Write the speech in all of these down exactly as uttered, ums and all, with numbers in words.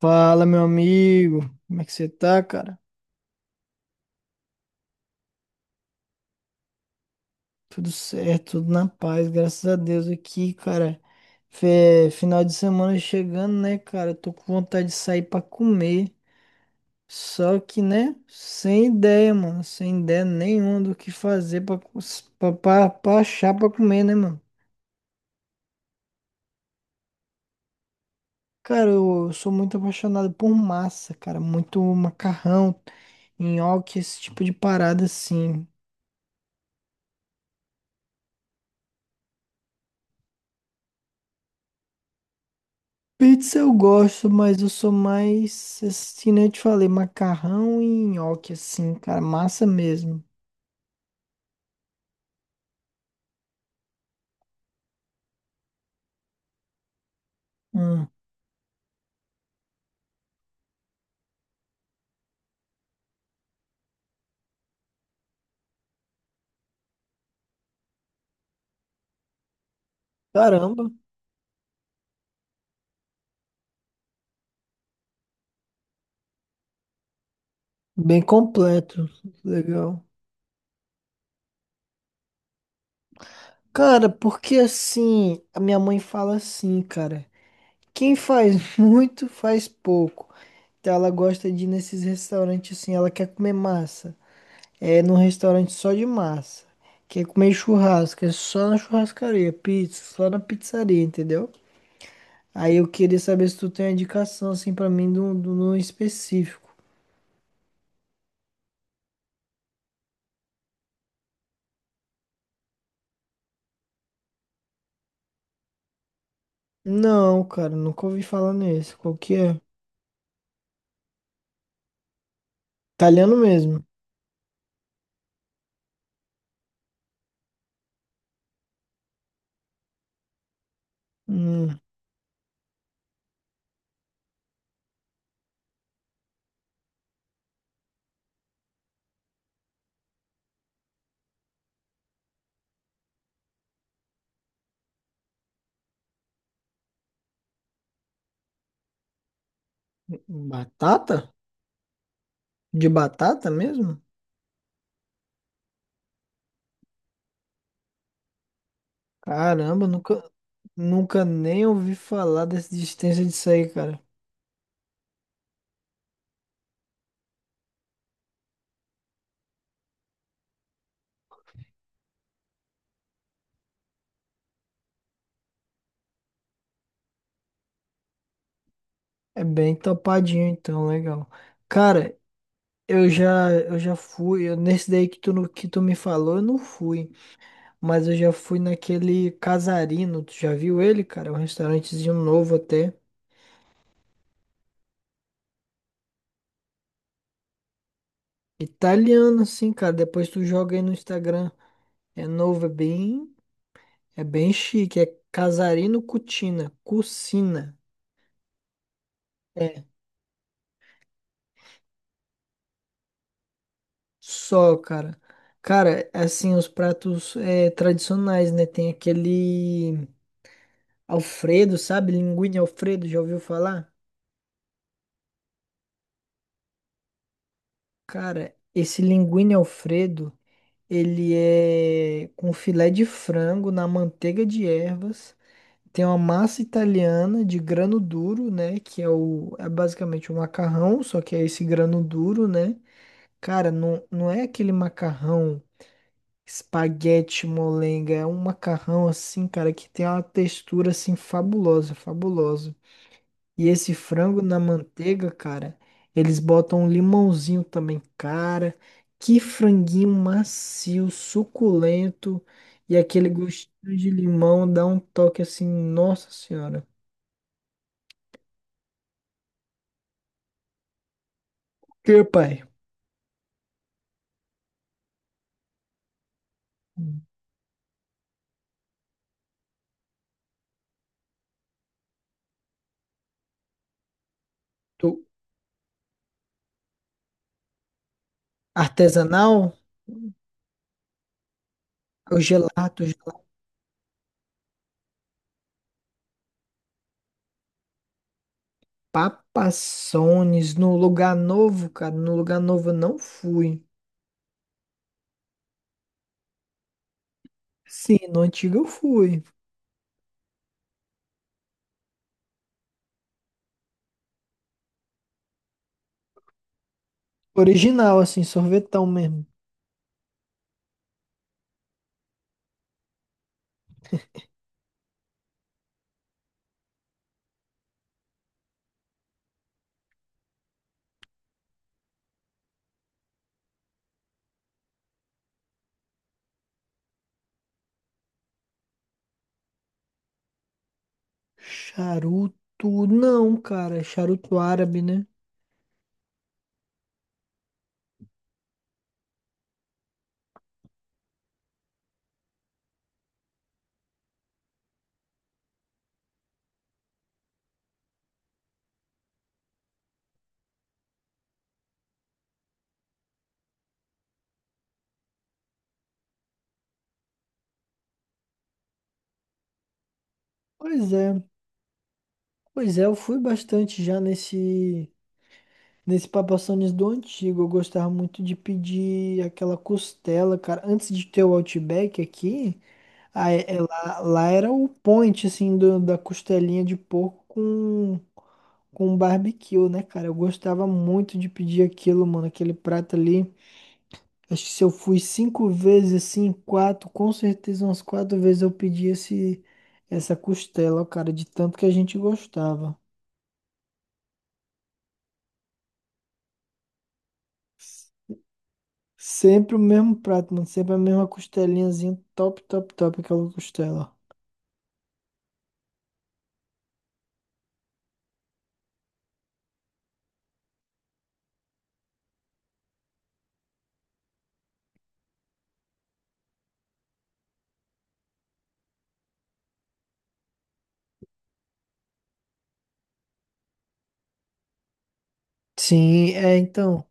Fala, meu amigo. Como é que você tá, cara? Tudo certo, tudo na paz, graças a Deus aqui, cara. Fe- Final de semana chegando, né, cara? Tô com vontade de sair pra comer. Só que, né, sem ideia, mano. Sem ideia nenhuma do que fazer pra, cons- pra, pra, pra achar pra comer, né, mano? Cara, eu, eu sou muito apaixonado por massa, cara. Muito macarrão, nhoque, esse tipo de parada assim. Pizza eu gosto, mas eu sou mais, assim, né? Eu te falei, macarrão e nhoque, assim, cara, massa mesmo. Hum, caramba, bem completo, legal. Cara, porque assim, a minha mãe fala assim, cara, quem faz muito faz pouco. Então ela gosta de ir nesses restaurantes assim, ela quer comer massa. É num restaurante só de massa. Quer comer churrasco, é só na churrascaria, pizza, só na pizzaria, entendeu? Aí eu queria saber se tu tem uma indicação, assim, pra mim, do, do, no específico. Não, cara, nunca ouvi falar nesse. Qual que é? Italiano mesmo. Hum, batata? De batata mesmo? Caramba, nunca, nunca nem ouvi falar dessa existência disso aí, cara. É bem topadinho, então, legal. Cara, eu já, eu já fui, eu- nesse daí que tu, no- que tu me falou, eu não fui. Mas eu já fui naquele Casarino, tu já viu ele, cara? É um restaurantezinho novo até. Italiano, sim, cara. Depois tu joga aí no Instagram. É novo, é bem, é bem chique. É Casarino Cucina. Cucina. É, só, cara. Cara, assim, os pratos é, tradicionais, né? Tem aquele Alfredo, sabe? Linguine Alfredo, já ouviu falar? Cara, esse linguine Alfredo, ele é com filé de frango na manteiga de ervas. Tem uma massa italiana de grano duro, né? Que é o, é basicamente o macarrão, só que é esse grano duro, né? Cara, não, não é aquele macarrão espaguete molenga, é um macarrão assim, cara, que tem uma textura assim fabulosa, fabulosa. E esse frango na manteiga, cara, eles botam um limãozinho também, cara. Que franguinho macio, suculento, e aquele gostinho de limão dá um toque assim, nossa senhora. Meu pai, do artesanal, o gelato, gelato, papassones, no lugar novo, cara, no lugar novo eu não fui. Sim, no antigo eu fui. Original, assim, sorvetão mesmo. Charuto, não, cara, charuto árabe, né? Pois é, pois é, eu fui bastante já nesse nesse Papassones do antigo. Eu gostava muito de pedir aquela costela, cara. Antes de ter o Outback aqui, aí, é é, lá, lá era o point, assim, do- da costelinha de porco com, com barbecue, né, cara? Eu gostava muito de pedir aquilo, mano, aquele prato ali. Acho que se eu fui cinco vezes, assim, quatro, com certeza umas quatro vezes eu pedi esse, essa costela, ó, cara, de tanto que a gente gostava. Sempre o mesmo prato, mano, sempre a mesma costelinhazinha, top, top, top, aquela costela. Sim, é, então.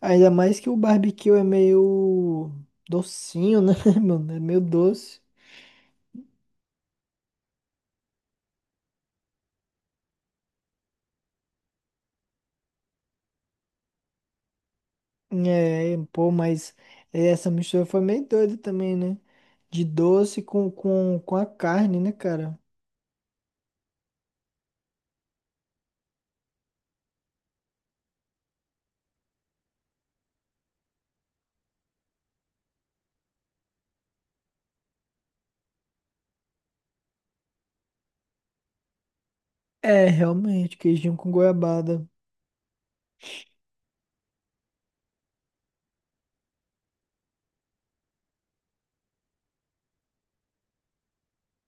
Ainda mais que o barbecue é meio docinho, né, mano? É meio doce. É, pô, mas essa mistura foi meio doida também, né? De doce com, com, com a carne, né, cara? É, realmente, queijinho com goiabada.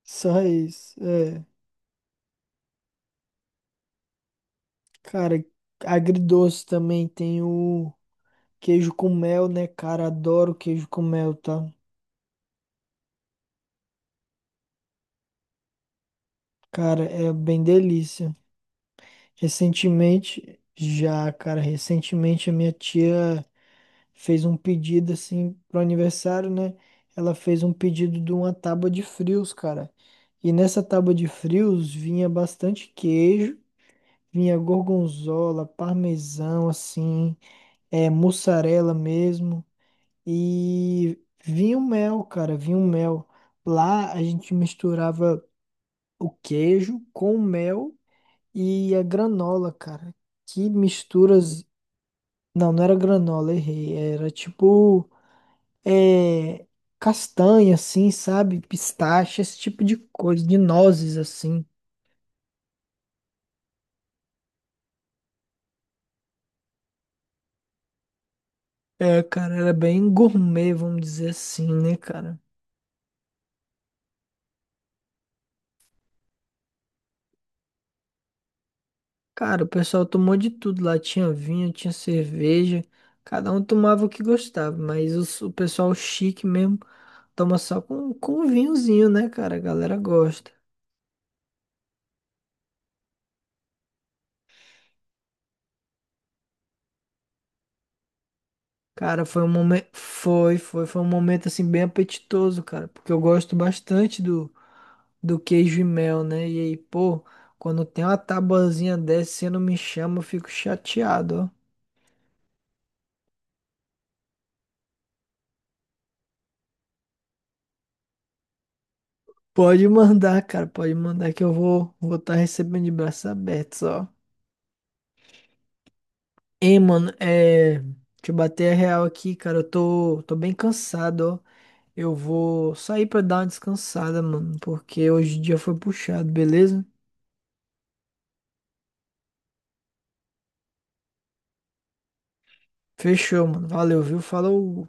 Só isso. É. Cara, agridoce também tem o queijo com mel, né, cara? Adoro queijo com mel, tá? Cara, é bem delícia. Recentemente, já, cara, recentemente a minha tia fez um pedido assim pro aniversário, né? Ela fez um pedido de uma tábua de frios, cara. E nessa tábua de frios vinha bastante queijo, vinha gorgonzola, parmesão, assim, é, mussarela mesmo. E vinha o mel, cara, vinha o mel. Lá a gente misturava o queijo com o mel e a granola, cara. Que misturas. Não, não era granola, errei. Era tipo, é, castanha, assim, sabe? Pistache, esse tipo de coisa, de nozes, assim. É, cara, era bem gourmet, vamos dizer assim, né, cara? Cara, o pessoal tomou de tudo lá. Tinha vinho, tinha cerveja. Cada um tomava o que gostava, mas os- o pessoal chique mesmo toma só com, com um vinhozinho, né, cara? A galera gosta. Cara, foi um momento. Foi, foi, foi um momento assim bem apetitoso, cara. Porque eu gosto bastante do, do queijo e mel, né? E aí, pô, quando tem uma tabuazinha dessa, você não me chama, eu fico chateado, ó. Pode mandar, cara, pode mandar que eu vou vou estar recebendo de braços abertos, ó. Ei, mano, é, deixa eu bater a real aqui, cara, eu tô, tô bem cansado, ó. Eu vou sair pra dar uma descansada, mano, porque hoje o dia foi puxado, beleza? Fechou, mano. Valeu, viu? Falou.